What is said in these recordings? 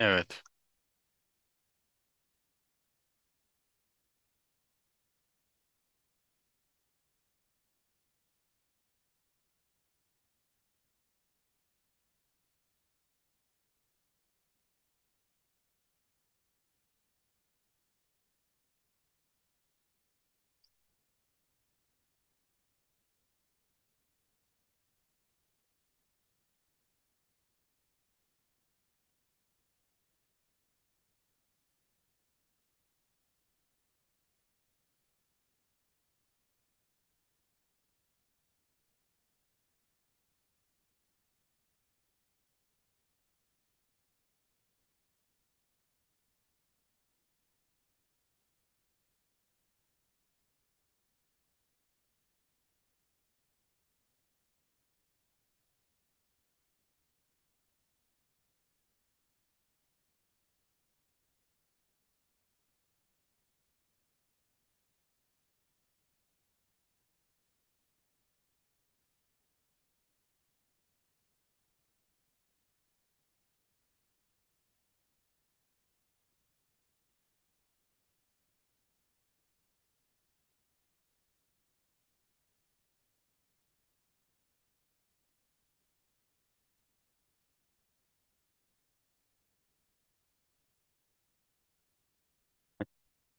Evet.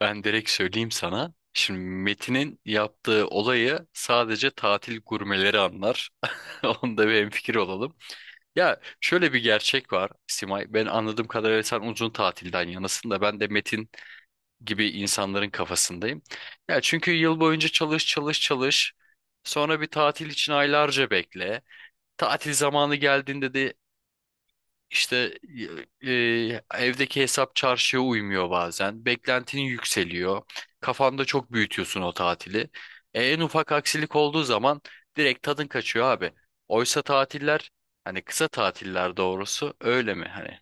Ben direkt söyleyeyim sana. Şimdi Metin'in yaptığı olayı sadece tatil gurmeleri anlar. Onda bir hemfikir olalım. Ya şöyle bir gerçek var Simay. Ben anladığım kadarıyla sen uzun tatilden yanasın da ben de Metin gibi insanların kafasındayım. Ya çünkü yıl boyunca çalış çalış çalış. Sonra bir tatil için aylarca bekle. Tatil zamanı geldiğinde de İşte evdeki hesap çarşıya uymuyor bazen. Beklentinin yükseliyor. Kafanda çok büyütüyorsun o tatili. En ufak aksilik olduğu zaman direkt tadın kaçıyor abi. Oysa tatiller, hani kısa tatiller doğrusu öyle mi? Hani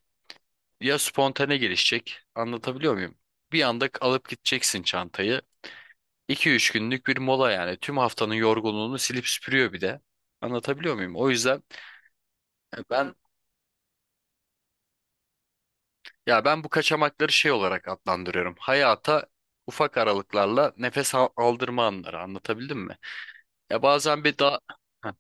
ya spontane gelişecek, anlatabiliyor muyum? Bir anda alıp gideceksin çantayı. 2 üç günlük bir mola yani tüm haftanın yorgunluğunu silip süpürüyor bir de. Anlatabiliyor muyum? O yüzden ben... Ya ben bu kaçamakları şey olarak adlandırıyorum. Hayata ufak aralıklarla nefes aldırma anları, anlatabildim mi? Ya bazen bir daha... Heh.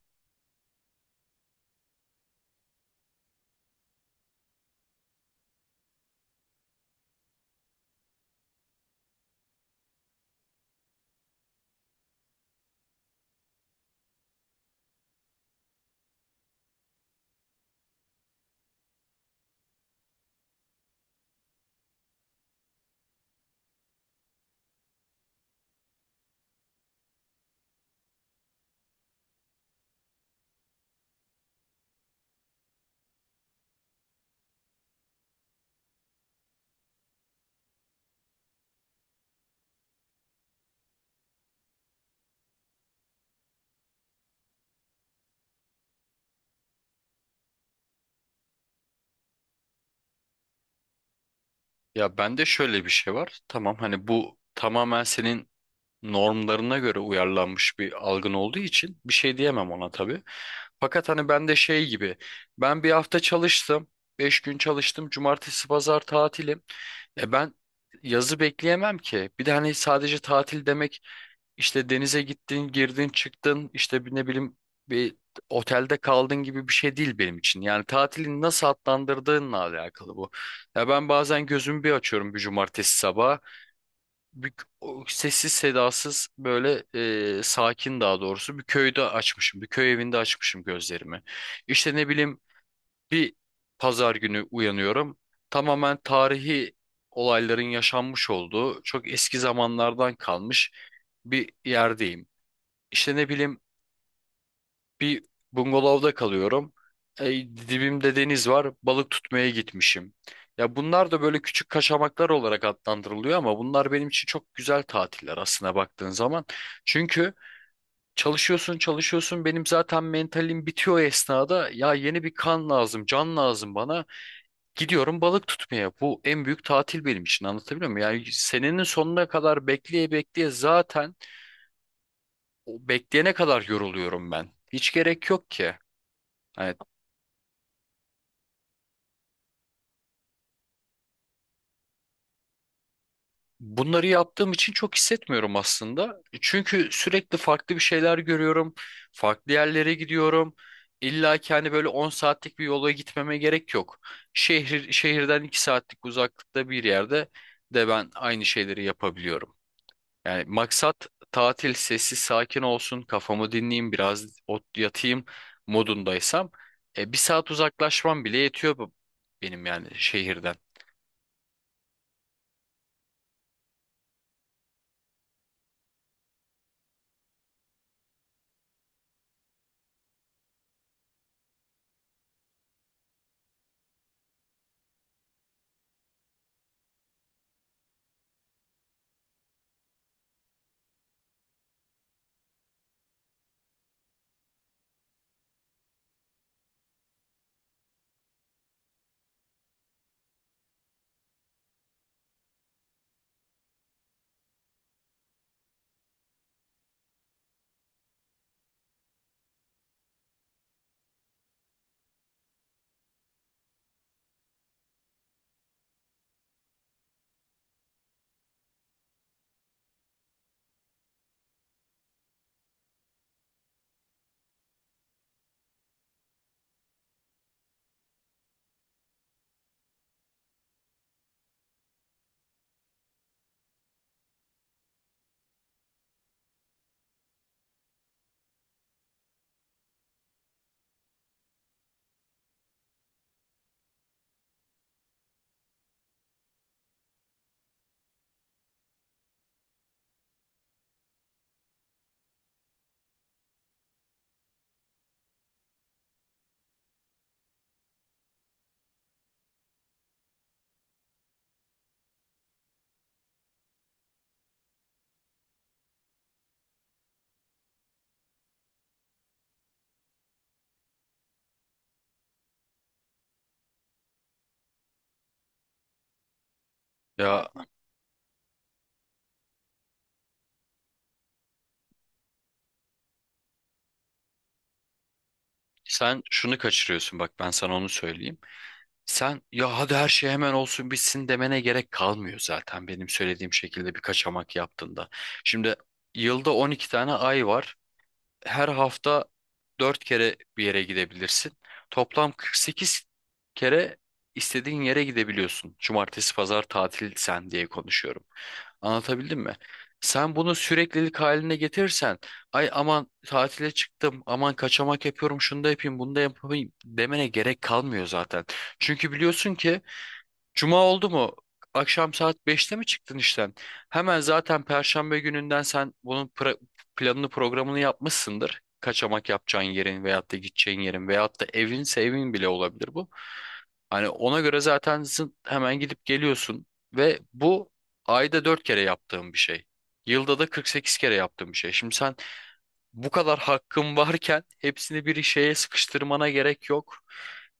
Ya bende şöyle bir şey var. Tamam, hani bu tamamen senin normlarına göre uyarlanmış bir algın olduğu için bir şey diyemem ona tabii. Fakat hani ben de şey gibi, ben bir hafta çalıştım, 5 gün çalıştım, cumartesi pazar tatilim. E ben yazı bekleyemem ki. Bir de hani sadece tatil demek, işte denize gittin, girdin, çıktın, işte bir ne bileyim bir otelde kaldın gibi bir şey değil benim için. Yani tatilin nasıl adlandırdığınla alakalı bu. Ya ben bazen gözümü bir açıyorum, bir cumartesi sabahı, bir o sessiz sedasız, böyle sakin, daha doğrusu bir köyde açmışım. Bir köy evinde açmışım gözlerimi. İşte ne bileyim, bir pazar günü uyanıyorum. Tamamen tarihi olayların yaşanmış olduğu çok eski zamanlardan kalmış bir yerdeyim. İşte ne bileyim, bir bungalovda kalıyorum. E, dibimde deniz var. Balık tutmaya gitmişim. Ya bunlar da böyle küçük kaçamaklar olarak adlandırılıyor, ama bunlar benim için çok güzel tatiller aslına baktığın zaman. Çünkü çalışıyorsun benim zaten mentalim bitiyor o esnada. Ya yeni bir kan lazım, can lazım bana. Gidiyorum balık tutmaya. Bu en büyük tatil benim için, anlatabiliyor muyum? Yani senenin sonuna kadar bekleye bekleye zaten o bekleyene kadar yoruluyorum ben. Hiç gerek yok ki. Hani... Bunları yaptığım için çok hissetmiyorum aslında. Çünkü sürekli farklı bir şeyler görüyorum. Farklı yerlere gidiyorum. İlla ki hani böyle 10 saatlik bir yola gitmeme gerek yok. Şehirden 2 saatlik uzaklıkta bir yerde de ben aynı şeyleri yapabiliyorum. Yani maksat tatil sessiz sakin olsun, kafamı dinleyeyim, biraz ot yatayım modundaysam 1 saat uzaklaşmam bile yetiyor benim, yani şehirden. Ya sen şunu kaçırıyorsun bak, ben sana onu söyleyeyim. Sen ya hadi her şey hemen olsun bitsin demene gerek kalmıyor zaten benim söylediğim şekilde bir kaçamak yaptığında. Şimdi yılda 12 tane ay var, her hafta 4 kere bir yere gidebilirsin. Toplam 48 kere istediğin yere gidebiliyorsun. Cumartesi, pazar tatil sen diye konuşuyorum. Anlatabildim mi? Sen bunu süreklilik haline getirirsen, ay aman tatile çıktım, aman kaçamak yapıyorum, şunu da yapayım, bunu da yapayım demene gerek kalmıyor zaten. Çünkü biliyorsun ki Cuma oldu mu? Akşam saat beşte mi çıktın işten? Hemen zaten Perşembe gününden sen bunun planını programını yapmışsındır. Kaçamak yapacağın yerin veyahut da gideceğin yerin veyahut da evinse evin bile olabilir bu. Hani ona göre zaten hemen gidip geliyorsun ve bu ayda 4 kere yaptığım bir şey. Yılda da 48 kere yaptığım bir şey. Şimdi sen bu kadar hakkım varken hepsini bir şeye sıkıştırmana gerek yok.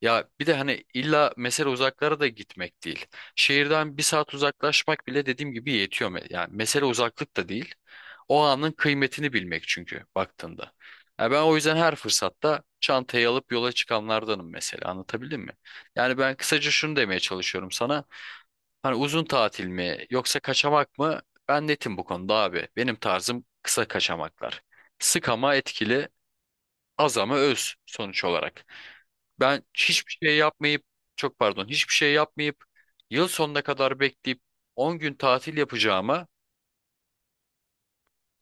Ya bir de hani illa mesele uzaklara da gitmek değil. Şehirden 1 saat uzaklaşmak bile dediğim gibi yetiyor. Yani mesele uzaklık da değil. O anın kıymetini bilmek çünkü baktığında. Ya ben o yüzden her fırsatta çantayı alıp yola çıkanlardanım mesela, anlatabildim mi? Yani ben kısaca şunu demeye çalışıyorum sana. Hani uzun tatil mi yoksa kaçamak mı? Ben netim bu konuda abi. Benim tarzım kısa kaçamaklar. Sık ama etkili, az ama öz sonuç olarak. Ben hiçbir şey yapmayıp, çok pardon, hiçbir şey yapmayıp yıl sonuna kadar bekleyip 10 gün tatil yapacağıma,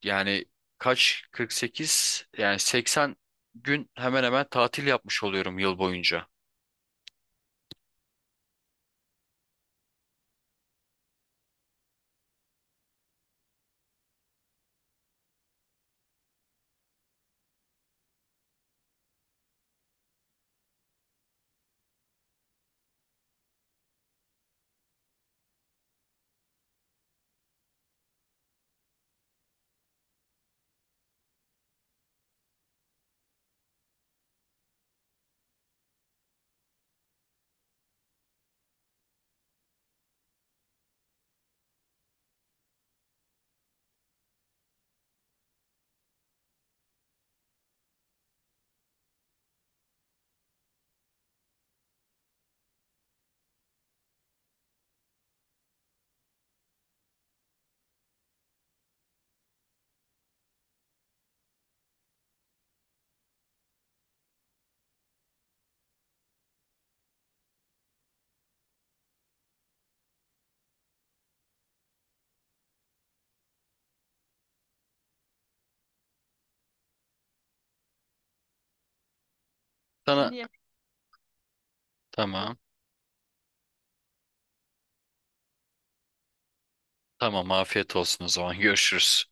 yani kaç, 48, yani 80 gün hemen hemen tatil yapmış oluyorum yıl boyunca. Sana diye... Tamam, tamam, afiyet olsun o zaman, görüşürüz.